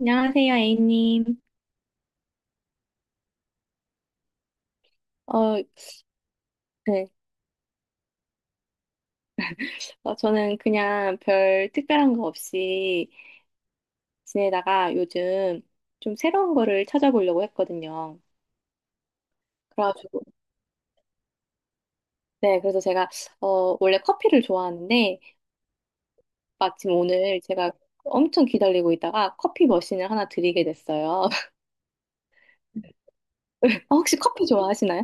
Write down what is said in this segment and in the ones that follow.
안녕하세요, A님. 어, 네. 저는 그냥 별 특별한 거 없이 지내다가 요즘 좀 새로운 거를 찾아보려고 했거든요. 그래가지고, 네. 그래서 제가, 원래 커피를 좋아하는데, 마침 오늘 제가 엄청 기다리고 있다가 커피 머신을 하나 드리게 됐어요. 혹시 커피 좋아하시나요?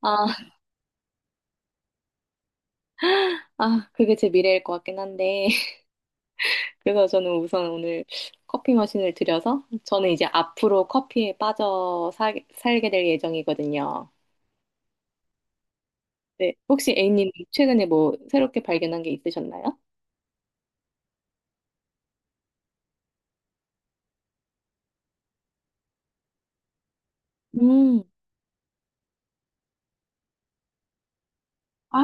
아, 아, 그게 제 미래일 것 같긴 한데. 그래서 저는 우선 오늘 커피 머신을 들여서 저는 이제 앞으로 커피에 빠져 살게 될 예정이거든요. 네. 혹시 A님 최근에 뭐 새롭게 발견한 게 있으셨나요? 음. 아,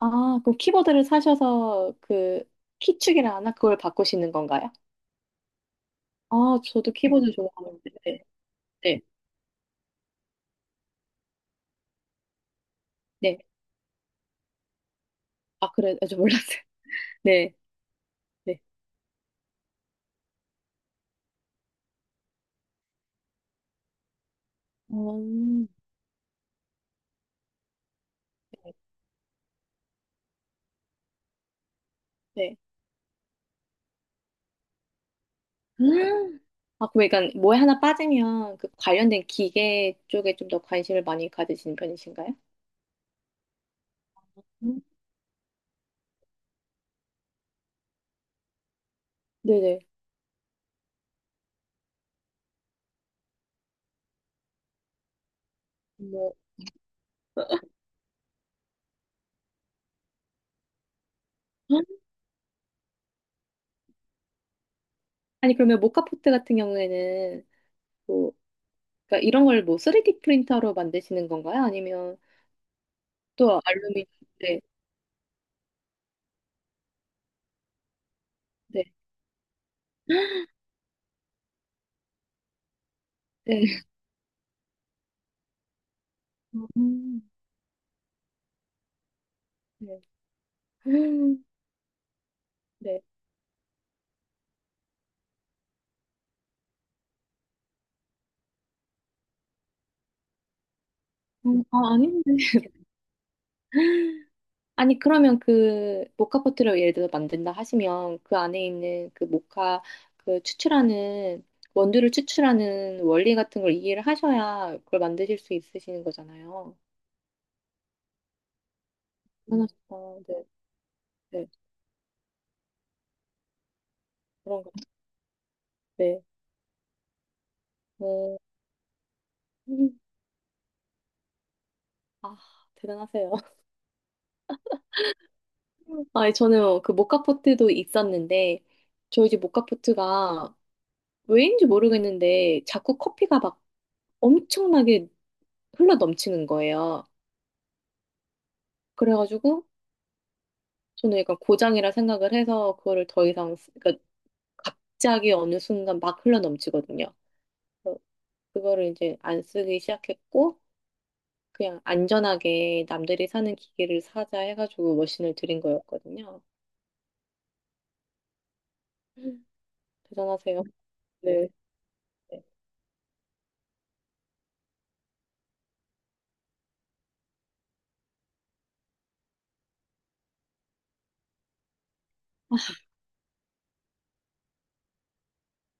아, 그럼 키보드를 사셔서 그 키축이라 하나? 그걸 바꾸시는 건가요? 아, 저도 키보드 좋아하는데. 네. 네. 네. 아, 그래. 아, 저 몰랐어요. 네. 네. 음. 네. 음. 아, 그럼 약간 뭐에 하나 빠지면 그 관련된 기계 쪽에 좀 더 관심을 많이 가지시는 편이신가요? 음. 네네. 뭐. 헉? 아니, 그러면 모카포트 같은 경우에는 뭐, 그러니까 이런 걸 뭐 3D 프린터로 만드시는 건가요? 아니면 또 알루미늄? 네, 네, 네. 음. 네. 음. 네. 아, 아닌데. 아니, 그러면 그 모카 포트를 예를 들어 만든다 하시면 그 안에 있는 그 모카 그 추출하는 원두를 추출하는 원리 같은 걸 이해를 하셔야 그걸 만드실 수 있으시는 거잖아요. 음. 대단하시다. 네, 네, 그런 것 같아요. 네. 어, 음, 아, 대단하세요. 아, 저는 그 모카 포트도 있었는데 저희 집 모카 포트가 왜인지 모르겠는데 자꾸 커피가 막 엄청나게 흘러 넘치는 거예요. 그래가지고 저는 약간 고장이라 생각을 해서 그거를 더 이상 그러니까 갑자기 어느 순간 막 흘러 넘치거든요. 그래서 그거를 이제 안 쓰기 시작했고 그냥 안전하게 남들이 사는 기계를 사자 해가지고 머신을 들인 거였거든요. 음. 대단하세요. 네. 네,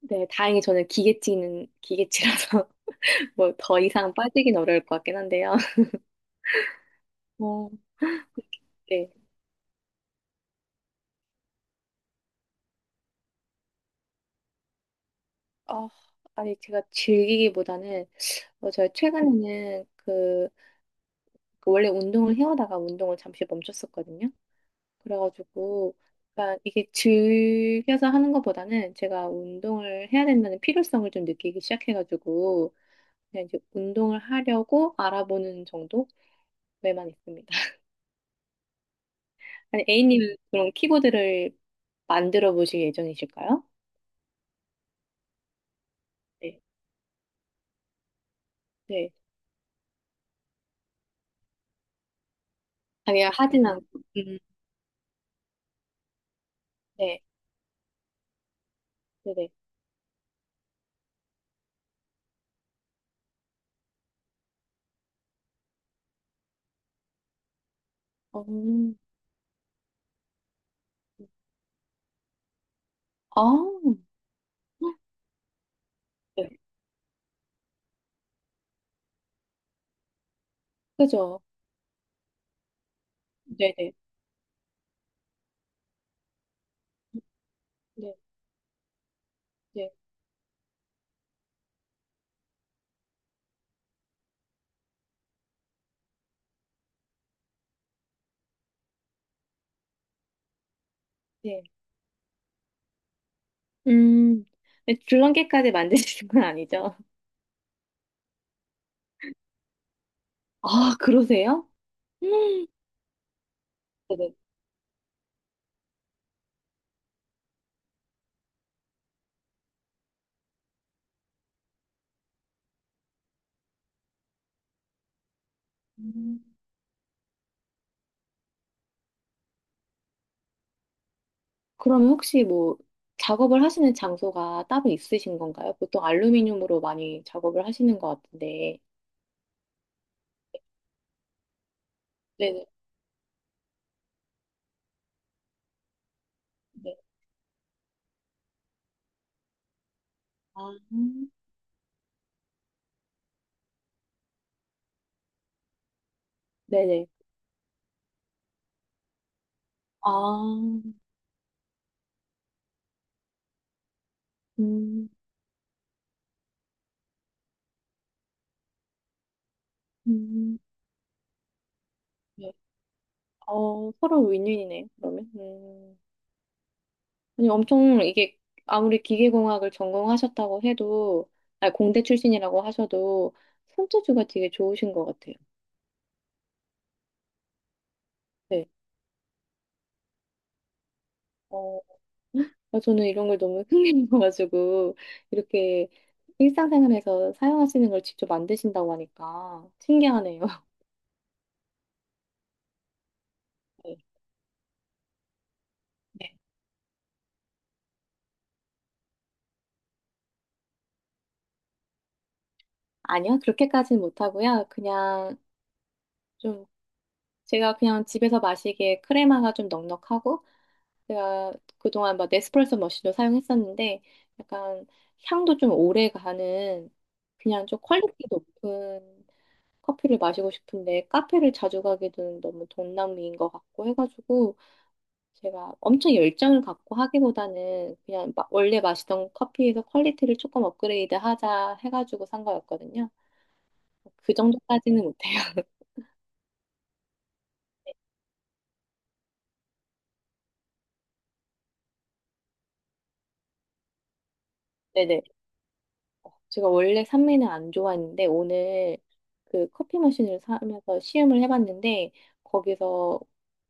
네, 다행히 저는 기계치는 기계치라서 뭐 더 이상 빠지긴 어려울 것 같긴 한데요. 어, 네. 아, 아니 제가 즐기기보다는 제가 최근에는 그 원래 운동을 해오다가 운동을 잠시 멈췄었거든요. 그래가지고 약간 이게 즐겨서 하는 것보다는 제가 운동을 해야 된다는 필요성을 좀 느끼기 시작해가지고 그냥 이제 운동을 하려고 알아보는 정도에만 있습니다. 아니, A님은 그럼 키보드를 만들어 보실 예정이실까요? 네. 네. 아니, 하진 않고. 음. 네. 네네. 어, 아, 네. 그죠. 네네. 네. 네. 네. 음, 근데 줄넘기까지 만드시는 건 아니죠? 아, 그러세요? 음, 네네. 음, 그럼 혹시 뭐 작업을 하시는 장소가 따로 있으신 건가요? 보통 알루미늄으로 많이 작업을 하시는 것 같은데. 네네. 네. 아, 음, 네네. 아, 음, 음, 네. 어, 서로 윈윈이네요, 그러면. 음. 아니, 엄청 이게 아무리 기계공학을 전공하셨다고 해도, 아니, 공대 출신이라고 하셔도 손재주가 되게 좋으신 것 같아요. 네. 어, 아, 저는 이런 걸 너무 흥미로워가지고 이렇게 일상생활에서 사용하시는 걸 직접 만드신다고 하니까 신기하네요. 네. 네. 아니요, 그렇게까지는 못하고요. 그냥 좀 제가 그냥 집에서 마시기에 크레마가 좀 넉넉하고 제가 그동안 막 네스프레소 머신도 사용했었는데 약간 향도 좀 오래 가는 그냥 좀 퀄리티 높은 커피를 마시고 싶은데 카페를 자주 가기는 너무 돈낭비인 것 같고 해가지고 제가 엄청 열정을 갖고 하기보다는 그냥 원래 마시던 커피에서 퀄리티를 조금 업그레이드 하자 해가지고 산 거였거든요. 그 정도까지는 못해요. 네네. 제가 원래 산미는 안 좋아했는데 오늘 그 커피 머신을 사면서 시음을 해봤는데 거기서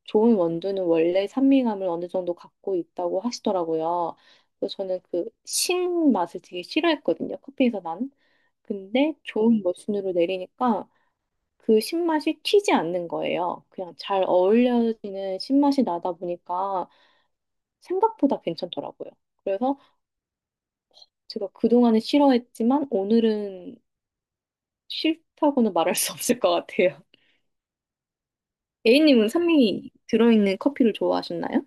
좋은 원두는 원래 산미감을 어느 정도 갖고 있다고 하시더라고요. 그래서 저는 그 신 맛을 되게 싫어했거든요. 커피에서 난. 근데 좋은 머신으로 내리니까 그 신맛이 튀지 않는 거예요. 그냥 잘 어울려지는 신맛이 나다 보니까 생각보다 괜찮더라고요. 그래서 제가 그동안은 싫어했지만 오늘은 싫다고는 말할 수 없을 것 같아요. A님은 산미 들어있는 커피를 좋아하셨나요?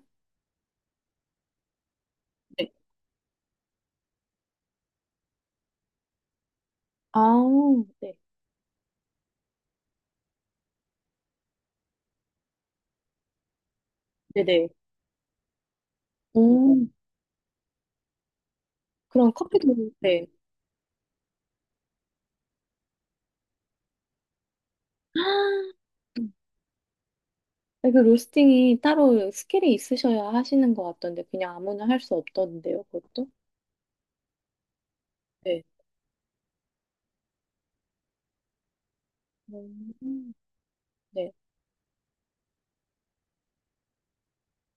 네. 아, 네. 네네. 오, 그럼 커피도, 네. 아, 그 로스팅이 따로 스킬이 있으셔야 하시는 것 같던데, 그냥 아무나 할 수 없던데요, 그것도? 네. 음, 네.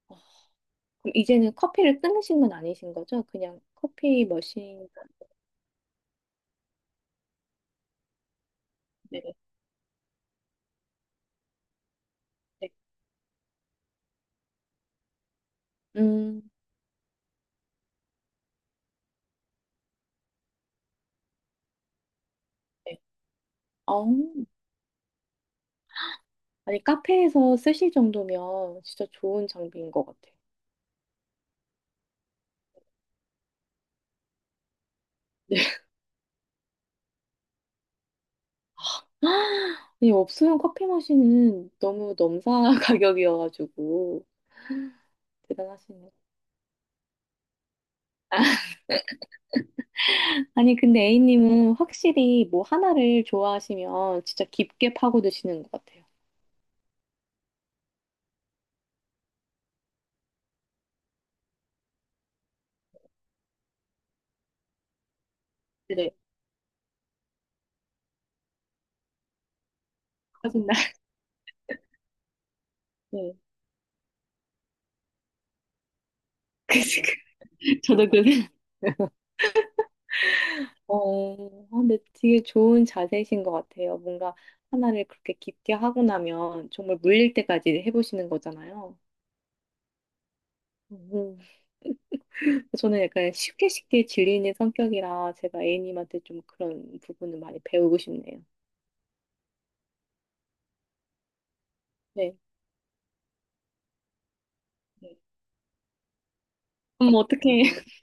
아, 그럼 이제는 커피를 끊으신 건 아니신 거죠? 그냥 커피 머신. 네네. 네. 음, 네. 아, 아니, 카페에서 쓰실 정도면 진짜 좋은 장비인 것 같아. 요 아니, 없으면 커피 머신은 너무 넘사 가격이어가지고 대단하시네. 아니, 근데 A님은 확실히 뭐 하나를 좋아하시면 진짜 깊게 파고드시는 것 같아요. 네, 짜증나. 네. 그, 저도 생각- 어, 아, 근데 되게 좋은 자세이신 것 같아요. 뭔가 하나를 그렇게 깊게 하고 나면 정말 물릴 때까지 해보시는 거잖아요. 음. 저는 약간 쉽게 쉽게 질리는 성격이라 제가 A님한테 좀 그런 부분을 많이 배우고 싶네요. 네. 네. 그럼 어떻게?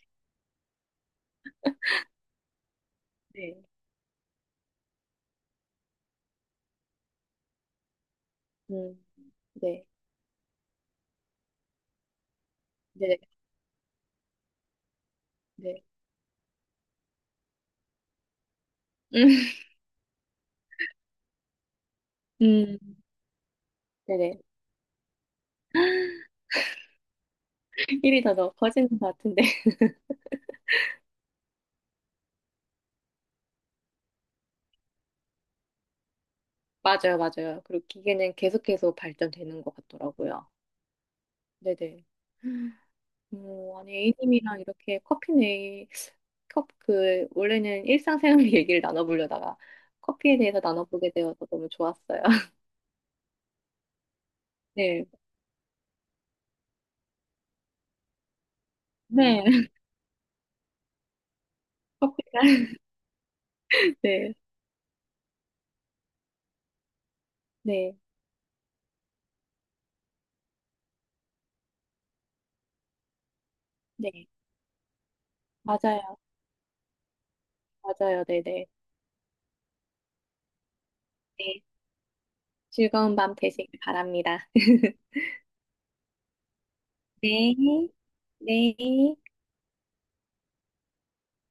네. 음, 네. 네. 네. 음, 음, 네네. 일이 더 커지는 것 같은데. 맞아요, 맞아요. 그리고 기계는 계속해서 발전되는 것 같더라고요. 네네. 어, 아니, A님이랑 이렇게 커피네, 컵, 그, 원래는 일상생활 얘기를 나눠보려다가 커피에 대해서 나눠보게 되어서 너무 좋았어요. 네. 네. 커피가. 네, 네, 네. 맞아요. 맞아요. 네네. 네. 즐거운 밤 되시길 바랍니다. 네, 네.